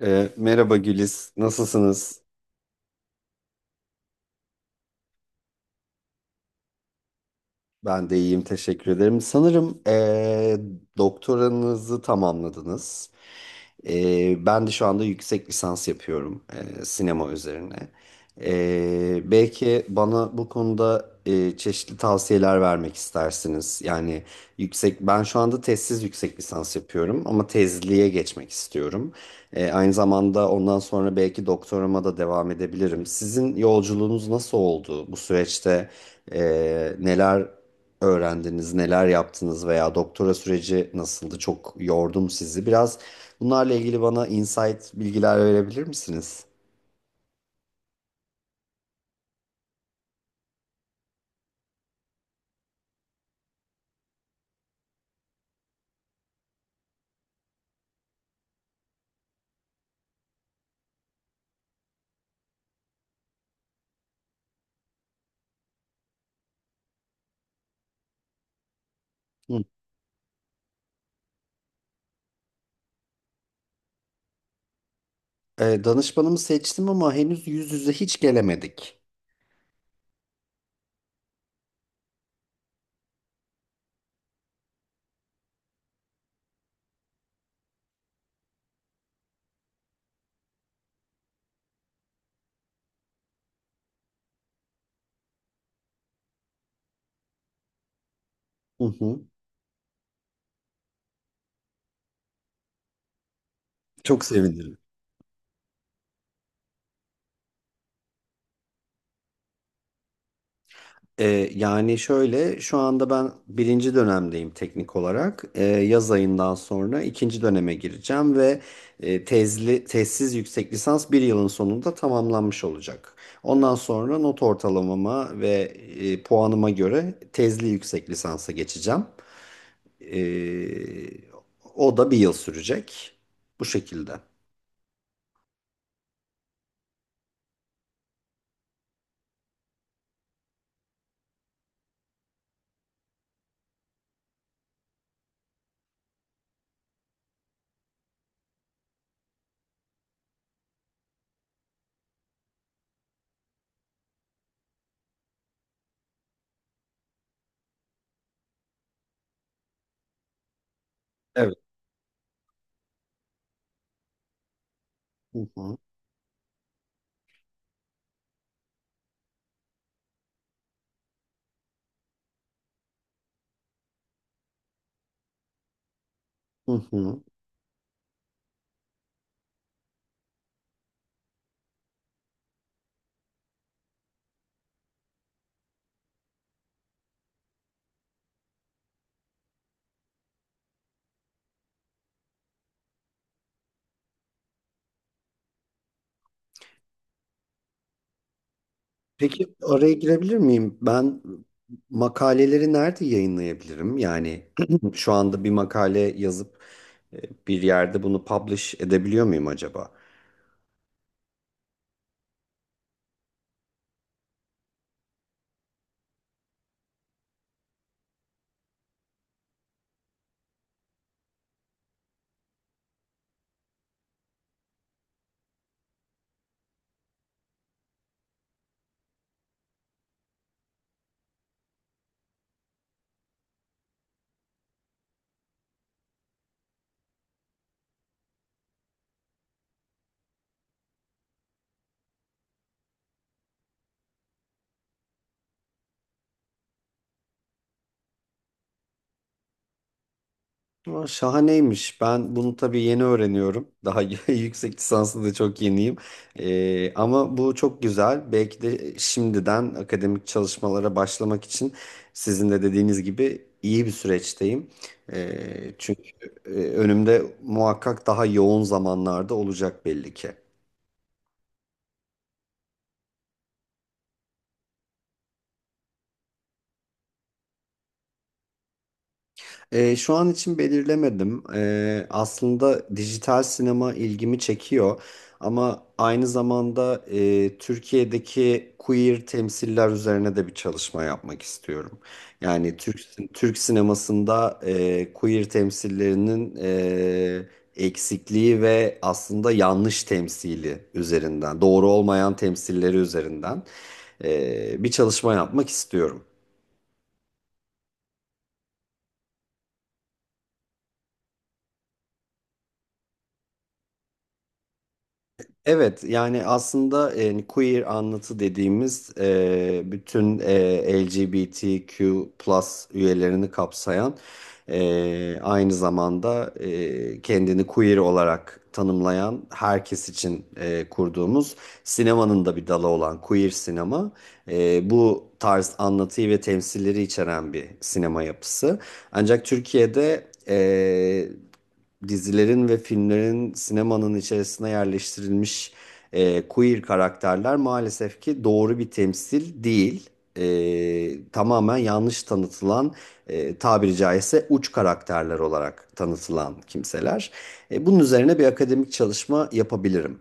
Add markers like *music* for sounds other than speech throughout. Merhaba Güliz, nasılsınız? Ben de iyiyim, teşekkür ederim. Sanırım doktoranızı tamamladınız. Ben de şu anda yüksek lisans yapıyorum sinema üzerine. Belki bana bu konuda çeşitli tavsiyeler vermek istersiniz. Yani ben şu anda tezsiz yüksek lisans yapıyorum ama tezliğe geçmek istiyorum. Aynı zamanda ondan sonra belki doktorama da devam edebilirim. Sizin yolculuğunuz nasıl oldu? Bu süreçte e, neler öğrendiniz, neler yaptınız veya doktora süreci nasıldı? Çok yordum sizi. Biraz bunlarla ilgili bana insight bilgiler verebilir misiniz? Danışmanımı seçtim ama henüz yüz yüze hiç gelemedik. Hı hı. Çok sevinirim. E, Yani şöyle şu anda ben birinci dönemdeyim teknik olarak. Yaz ayından sonra ikinci döneme gireceğim ve tezli, tezsiz yüksek lisans bir yılın sonunda tamamlanmış olacak. Ondan sonra not ortalamama ve puanıma göre tezli yüksek lisansa geçeceğim. E, O da bir yıl sürecek. Bu şekilde. Evet. Hı hı. Hı hı. Peki oraya girebilir miyim? Ben makaleleri nerede yayınlayabilirim? Yani *clears throat* şu anda bir makale yazıp e, bir yerde bunu publish edebiliyor muyum acaba? Aa, şahaneymiş. Ben bunu tabii yeni öğreniyorum. Daha *laughs* yüksek lisanslı da çok yeniyim. Ama bu çok güzel. Belki de şimdiden akademik çalışmalara başlamak için sizin de dediğiniz gibi iyi bir süreçteyim. Çünkü önümde muhakkak daha yoğun zamanlarda olacak belli ki. Şu an için belirlemedim. Aslında dijital sinema ilgimi çekiyor ama aynı zamanda Türkiye'deki queer temsiller üzerine de bir çalışma yapmak istiyorum. Yani Türk sinemasında queer temsillerinin eksikliği ve aslında yanlış temsili üzerinden, doğru olmayan temsilleri üzerinden bir çalışma yapmak istiyorum. Evet, yani aslında queer anlatı dediğimiz bütün LGBTQ üyelerini kapsayan, aynı zamanda kendini queer olarak tanımlayan herkes için kurduğumuz sinemanın da bir dalı olan queer sinema, bu tarz anlatıyı ve temsilleri içeren bir sinema yapısı. Ancak Türkiye'de dizilerin ve filmlerin sinemanın içerisine yerleştirilmiş queer karakterler maalesef ki doğru bir temsil değil. Tamamen yanlış tanıtılan, tabiri caizse uç karakterler olarak tanıtılan kimseler. Bunun üzerine bir akademik çalışma yapabilirim.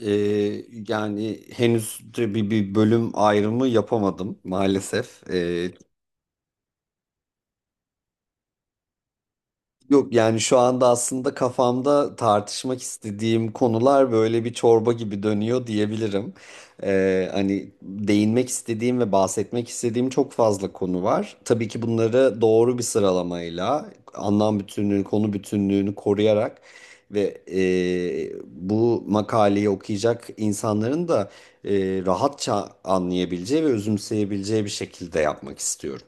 E, Yani henüz de bir bölüm ayrımı yapamadım maalesef. Yok, yani şu anda aslında kafamda tartışmak istediğim konular böyle bir çorba gibi dönüyor diyebilirim. Hani değinmek istediğim ve bahsetmek istediğim çok fazla konu var. Tabii ki bunları doğru bir sıralamayla, anlam bütünlüğünü, konu bütünlüğünü koruyarak ve bu makaleyi okuyacak insanların da e, rahatça anlayabileceği ve özümseyebileceği bir şekilde yapmak istiyorum.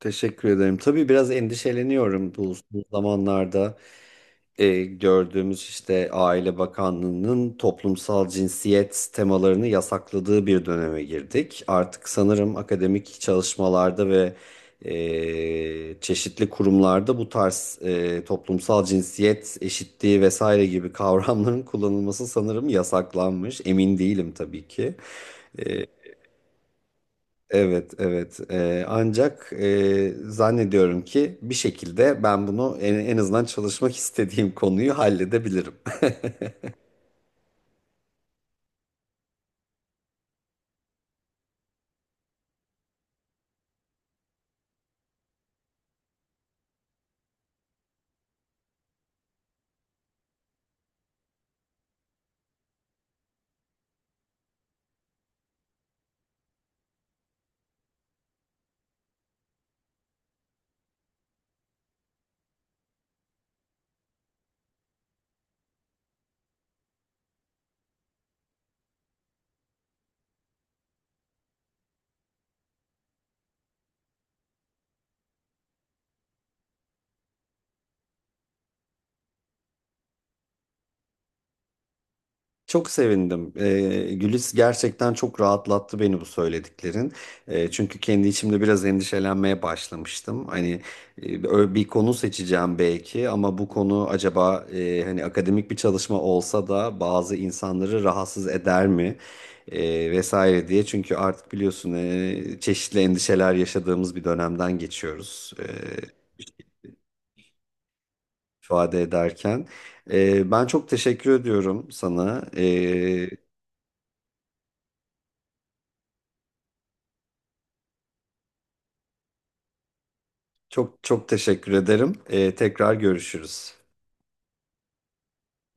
Teşekkür ederim. Tabii biraz endişeleniyorum bu zamanlarda gördüğümüz işte Aile Bakanlığı'nın toplumsal cinsiyet temalarını yasakladığı bir döneme girdik. Artık sanırım akademik çalışmalarda ve çeşitli kurumlarda bu tarz toplumsal cinsiyet eşitliği vesaire gibi *laughs* kavramların kullanılması sanırım yasaklanmış. Emin değilim tabii ki. Evet, evet. Ancak zannediyorum ki bir şekilde ben bunu en azından çalışmak istediğim konuyu halledebilirim. *laughs* Çok sevindim. Gülis gerçekten çok rahatlattı beni bu söylediklerin. Çünkü kendi içimde biraz endişelenmeye başlamıştım. Hani bir konu seçeceğim belki ama bu konu acaba, hani akademik bir çalışma olsa da bazı insanları rahatsız eder mi? Vesaire diye. Çünkü artık biliyorsun çeşitli endişeler yaşadığımız bir dönemden geçiyoruz. İfade ederken. Ben çok teşekkür ediyorum sana. Çok çok teşekkür ederim. Tekrar görüşürüz.